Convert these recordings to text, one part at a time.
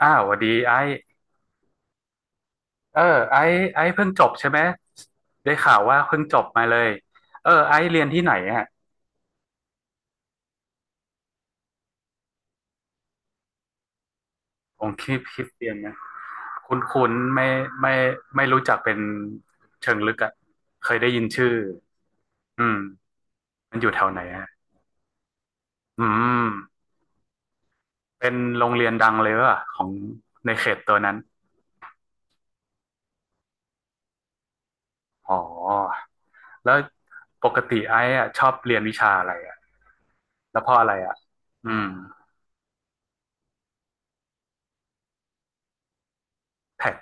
อ้าวสวัสดีไอซ์เออไอซ์เพิ่งจบใช่ไหมได้ข่าวว่าเพิ่งจบมาเลยเออไอซ์เรียนที่ไหนฮะผมคริดเรียนนะคุ้นคุ้นไม่ไม่ไม่รู้จักเป็นเชิงลึกอะเคยได้ยินชื่ออืมมันอยู่แถวไหนฮะอืมเป็นโรงเรียนดังเลยว่ะของในเขตตัวนั้นอ๋อแล้วปกติไอซ์อะชอบเรียนวิชาอะไรอะแล้วเพราะอะไรอะอืมแท็ก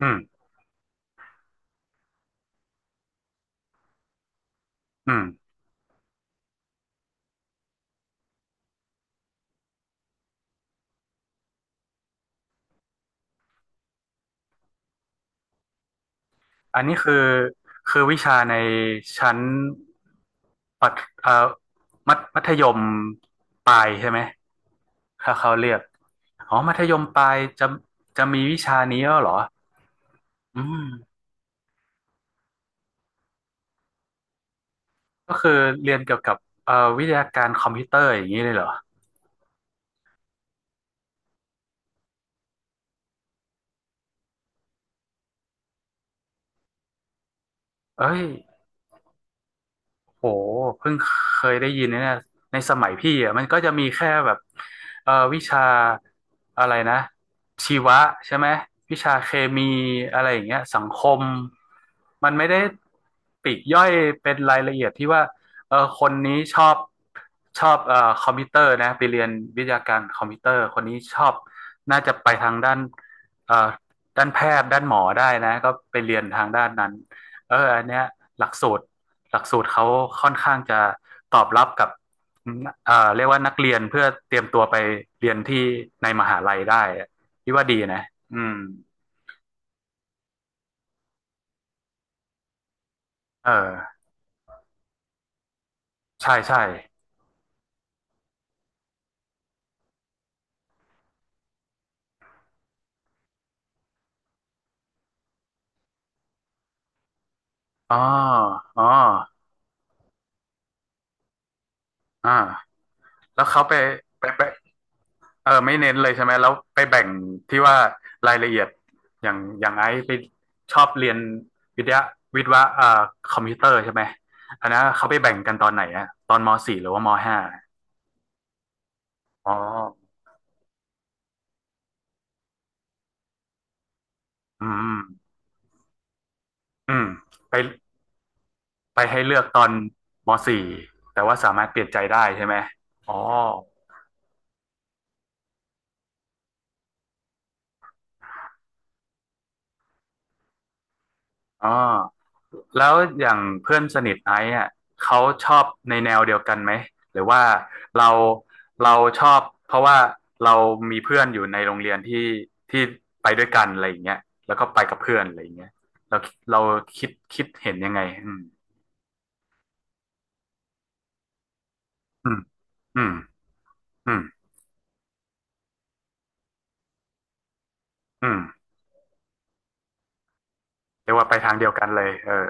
อืมอืม อันนี้คือวิชาในชั้นปัดเอ่อมัธยมปลายใช่ไหมถ้าเขาเรียกอ๋อมัธยมปลายจะมีวิชานี้แล้วเหรออืมก็คือเรียนเกี่ยวกับเอ่อวิทยาการคอมพิวเตอร์อย่างนี้เลยเหรอเอ้ย โหเพิ่งเคยได้ยินนะเนี่ยในสมัยพี่อ่ะมันก็จะมีแค่แบบวิชาอะไรนะชีวะใช่ไหมวิชาเคมีอะไรอย่างเงี้ยสังคมมันไม่ได้ปลีกย่อยเป็นรายละเอียดที่ว่าเออคนนี้ชอบคอมพิวเตอร์นะไปเรียนวิทยาการคอมพิวเตอร์คนนี้ชอบน่าจะไปทางด้านเอ่อด้านแพทย์ด้านหมอได้นะก็ไปเรียนทางด้านนั้นเอออันเนี้ยหลักสูตร หลักสูตรเขาค่อนข้างจะตอบรับกับเรียกว่านักเรียนเพื่อเตรียมตัวไปเรียนที่ในมหาลัยได้ที่ว่าดีนะอืมเออใช่ใช่อ๋ออ๋ออ่าแล้วเขาไปไปไปเออไม่เน้นเลยใช่ไหมแล้วไปแบ่งที่ว่ารายละเอียดอย่างไอ้ไปชอบเรียนวิทยาวิทยาคอมพิวเตอร์ใช่ไหมอันนั้นเขาไปแบ่งกันตอนไหนอะตอนมสี่หรือว่ามห้าอ๋ออืม อืมไปไปให้เลือกตอนม .4 แต่ว่าสามารถเปลี่ยนใจได้ใช่ไหมอ๋ออ๋อแล้วอย่างเพื่อนสนิทไอซ์อ่ะเขาชอบในแนวเดียวกันไหมหรือว่าเราเราชอบเพราะว่าเรามีเพื่อนอยู่ในโรงเรียนที่ที่ไปด้วยกันอะไรอย่างเงี้ยแล้วก็ไปกับเพื่อนอะไรอย่างเงี้ยเราเราคิดเห็นยังไงอืมอืมอืมอืมอืมเรียกว่าไปทางเดียวกันเลยเออ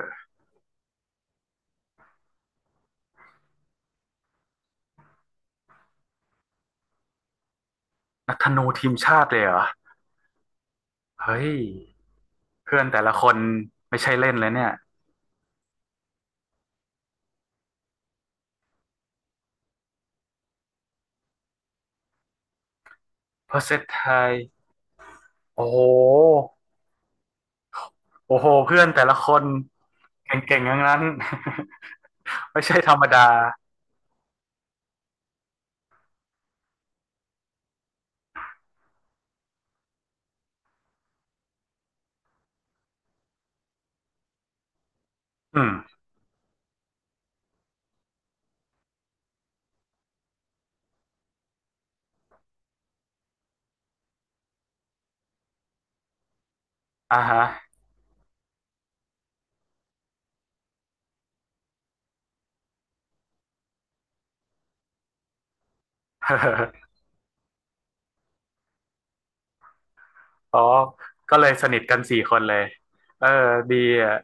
นักธนูทีมชาติเลยเหรอเฮ้ย เพื่อนแต่ละคนไม่ใช่เล่นเลยเนี่ยเพอราะเซนตไทยโอ้โหโอ้โหเพื่อนแต่ละคนเก่งๆทั้งนั้น ไม่ใช่ธรรมดาอืมอ่าฮะ อ๋อก็เลยสนิทกันสี่คนเลยเออดีอ่ะ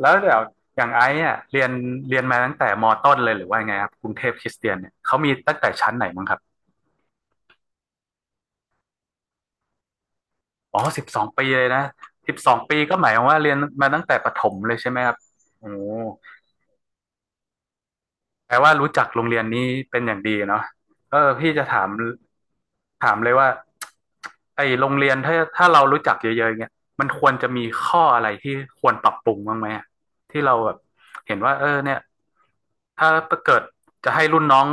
แล้วเดี๋ยวอย่างไอ้อ่ะเรียนมาตั้งแต่มต้นเลยหรือว่าไงครับกรุงเทพคริสเตียนเนี่ยเขามีตั้งแต่ชั้นไหนมั้งครับอ๋อสิบสองปีเลยนะสิบสองปีก็หมายความว่าเรียนมาตั้งแต่ประถมเลยใช่ไหมครับโอ้ แปลว่ารู้จักโรงเรียนนี้เป็นอย่างดีเนาะเออพี่จะถามเลยว่าไอโรงเรียนถ้าเรารู้จักเยอะๆเงี้ยมันควรจะมีข้ออะไรที่ควรปรับปรุงบ้างไหมอะที่เราแบบเห็นว่าเออเนี่ยถ้าเกิดจะให้รุ่นน้อง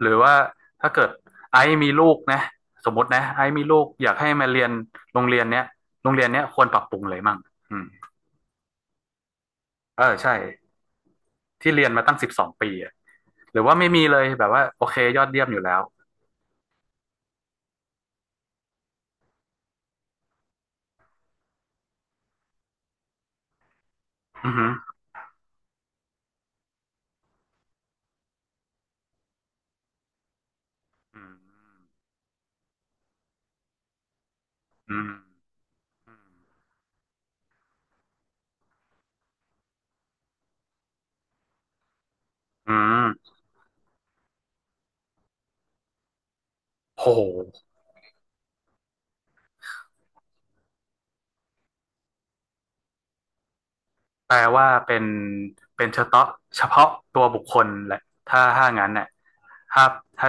หรือว่าถ้าเกิดไอซ์มีลูกนะสมมตินะไอซ์มีลูกอยากให้มาเรียนโรงเรียนเนี้ยโรงเรียนเนี้ยควรปรับปรุงเลยมั่งอืมเออใช่ที่เรียนมาตั้งสิบสองปีอะหรือว่าไม่มีเลยแบบว่าโอเคยอดเยี่ยมอยู่แล้ว อือหืออืมอืม อืมโหแปลว่าเป็นเฉพาะเฉพาะตัวบุคคลแหละ ถ้างั้นเนี่ยถ้าถ้า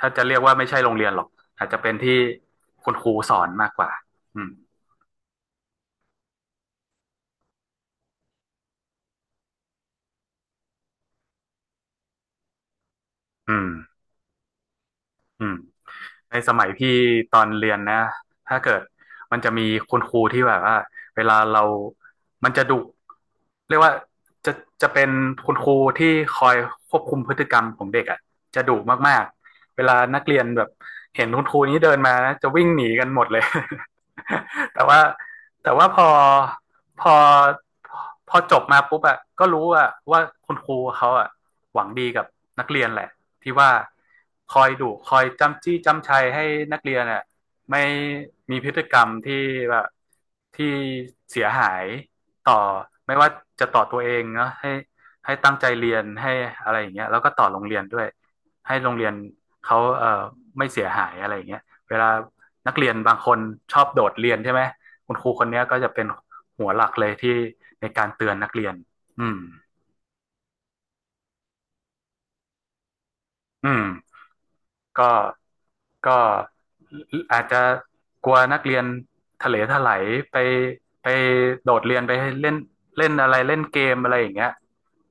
ถ้าจะเรียกว่าไม่ใช่โรงเรียนหรอก อาจจะเป็นที่คุณครูสอนมากกว่า อืม อืมอืม ในสมัยพี่ตอนเรียนนะถ้าเกิดมันจะมีคุณครูที่แบบว่าเวลาเรามันจะดุเรียกว่าจะจะเป็นคุณครูที่คอยควบคุมพฤติกรรมของเด็กอ่ะจะดุมากๆเวลานักเรียนแบบเห็นคุณครูนี้เดินมานะจะวิ่งหนีกันหมดเลย แต่ว่าแต่ว่าพอพอจบมาปุ๊บอ่ะก็รู้อ่ะว่าคุณครูเขาอ่ะหวังดีกับนักเรียนแหละ ที่ว่าคอยดุคอยจ้ำจี้จ้ำชัยให้นักเรียนอ่ะไม่มีพฤติกรรมที่แบบที่เสียหายต่อไม่ว่าจะต่อตัวเองเนาะให้ตั้งใจเรียนให้อะไรอย่างเงี้ยแล้วก็ต่อโรงเรียนด้วยให้โรงเรียนเขาไม่เสียหายอะไรอย่างเงี้ยเวลานักเรียนบางคนชอบโดดเรียนใช่ไหมคุณครูคนนี้ก็จะเป็นหัวหลักเลยที่ในการเตือนนักเรียนอืมอืม ก็ก็อาจจะกลัวนักเรียนทะเลทลายไปไปโดดเรียนไปเล่นเล่นอะไรเล่นเกมอะไรอย่างเงี้ย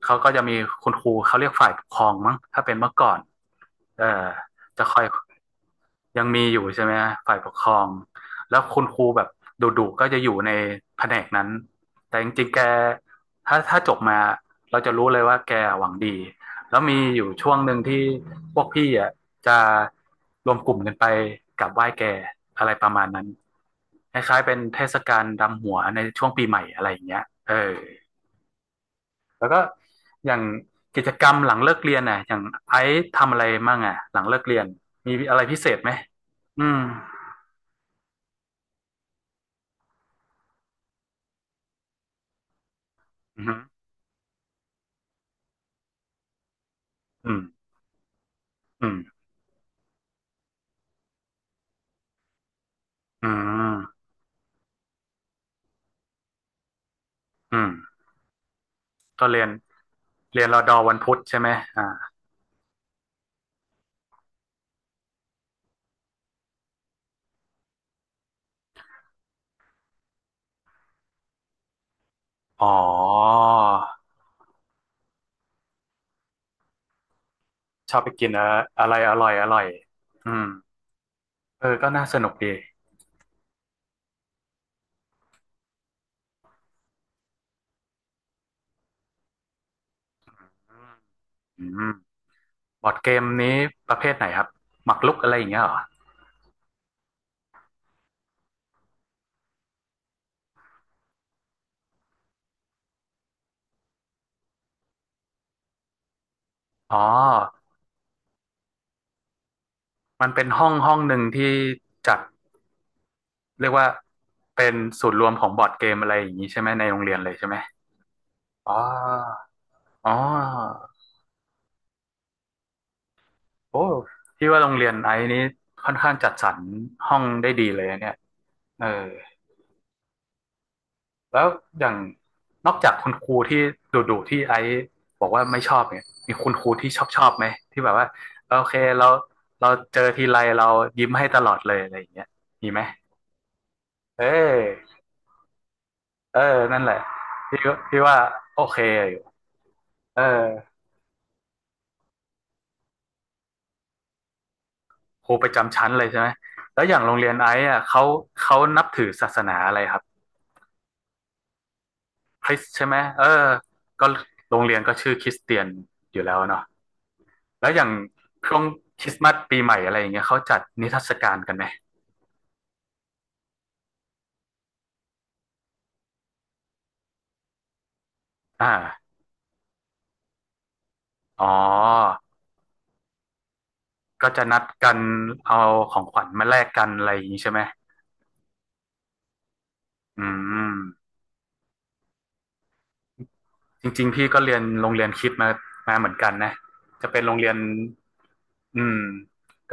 เขาก็จะมีคุณครูเขาเรียกฝ่ายปกครองมั้งถ้าเป็นเมื่อก่อนเออจะคอย ยังมีอยู่ใช่ไหมฮะฝ่ายปกครองแล้วคุณครูแบบดุๆก็จะอยู่ในแผนกนั้นแต่จริงๆแกถ้าจบมาเราจะรู้เลยว่าแกหวังดีแล้วมีอยู่ช่วงหนึ่งที่พวกพี่อ่ะจะรวมกลุ่มกันไปกราบไหว้แกอะไรประมาณนั้นคล้ายๆเป็นเทศกาลดำหัวในช่วงปีใหม่อะไรอย่างเงี้ยเออแล้วก็อย่างกิจกรรมหลังเลิกเรียนอ่ะอย่างไอซ์ทำอะไรมั่งอ่ะหลังเลิกเรียนมีอะไรพิเศษไหมอืม อืมอืมอืมอืมอืมก็เรียนเรียนรอดอวันพุธใช่ไหมอ่าอ๋อชอบไปกินอะอะไรอร่อยอร่อยอืมเออก็น่าสนุกดีอืมบอร์ดเกมนี้ประเภทไหนครับหมากรุกอะไรอย่างเงี้ยเหรออ๋อมันเป็นห้องหนึ่งที่จัดเรียกว่าเป็นศูนย์รวมของบอร์ดเกมอะไรอย่างนี้ใช่ไหมในโรงเรียนเลยใช่ไหมอ๋ออ๋อ โอ้พี่ว่าโรงเรียนไอ้นี้ค่อนข้างจัดสรรห้องได้ดีเลยนะเนี่ยเออแล้วอย่างนอกจากคุณครูที่ดุๆที่ไอ้บอกว่าไม่ชอบเนี่ยมีคุณครูที่ชอบไหมที่แบบว่าเออโอเคเราเราเจอทีไรเรายิ้มให้ตลอดเลยอะไรอย่างเงี้ยมีไหมเออเออนั่นแหละพี่ก็พี่ว่าโอเคอยู่เออครูประจำชั้นเลยใช่ไหมแล้วอย่างโรงเรียนไอ้อะเขาเขานับถือศาสนาอะไรครับ คริสใช่ไหมเออก็โรงเรียนก็ชื่อคริสเตียนอยู่แล้วเนาะแล้วอย่างช่วงคริสต์มาสปีใหม่อะไรอย่างเงี้ยเขาจัดนิทรรศการกันไหมอ่าอ๋อก็จะนัดกันเอาของขวัญมาแลกกันอะไรอย่างงี้ใช่ไหมอืม จริงๆพี่ก็เรียนโรงเรียนคริสต์มามาเหมือนกันนะจะเป็นโรงเรียนอืม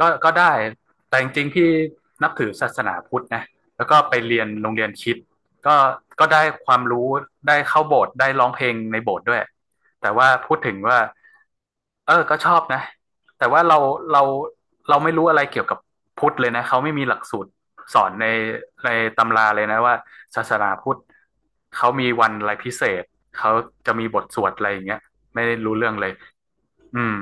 ก็ได้แต่จริงๆพี่นับถือศาสนาพุทธนะแล้วก็ไปเรียนโรงเรียนคริสต์ก็ก็ได้ความรู้ได้เข้าโบสถ์ได้ร้องเพลงในโบสถ์ด้วยแต่ว่าพูดถึงว่า เออก็ชอบนะ แต่ว่าเราเราเราไม่รู้อะไรเกี่ยวกับพุทธเลยนะ เขาไม่มีหลักสูตรสอนในในตำราเลยนะว่าศาสนาพุทธเขามีวันอะไรพิเศษ เขาจะมีบทสวดอะไรอย่างเงี้ยไม่ได้รู้เรื่องเลยอืม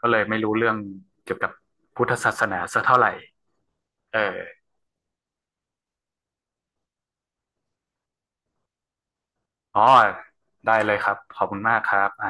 ก็เลยไม่รู้เรื่องเกี่ยวกับพุทธศาสนาสักเท่าไหร่เอออ๋อได้เลยครับขอบคุณมากครับไอ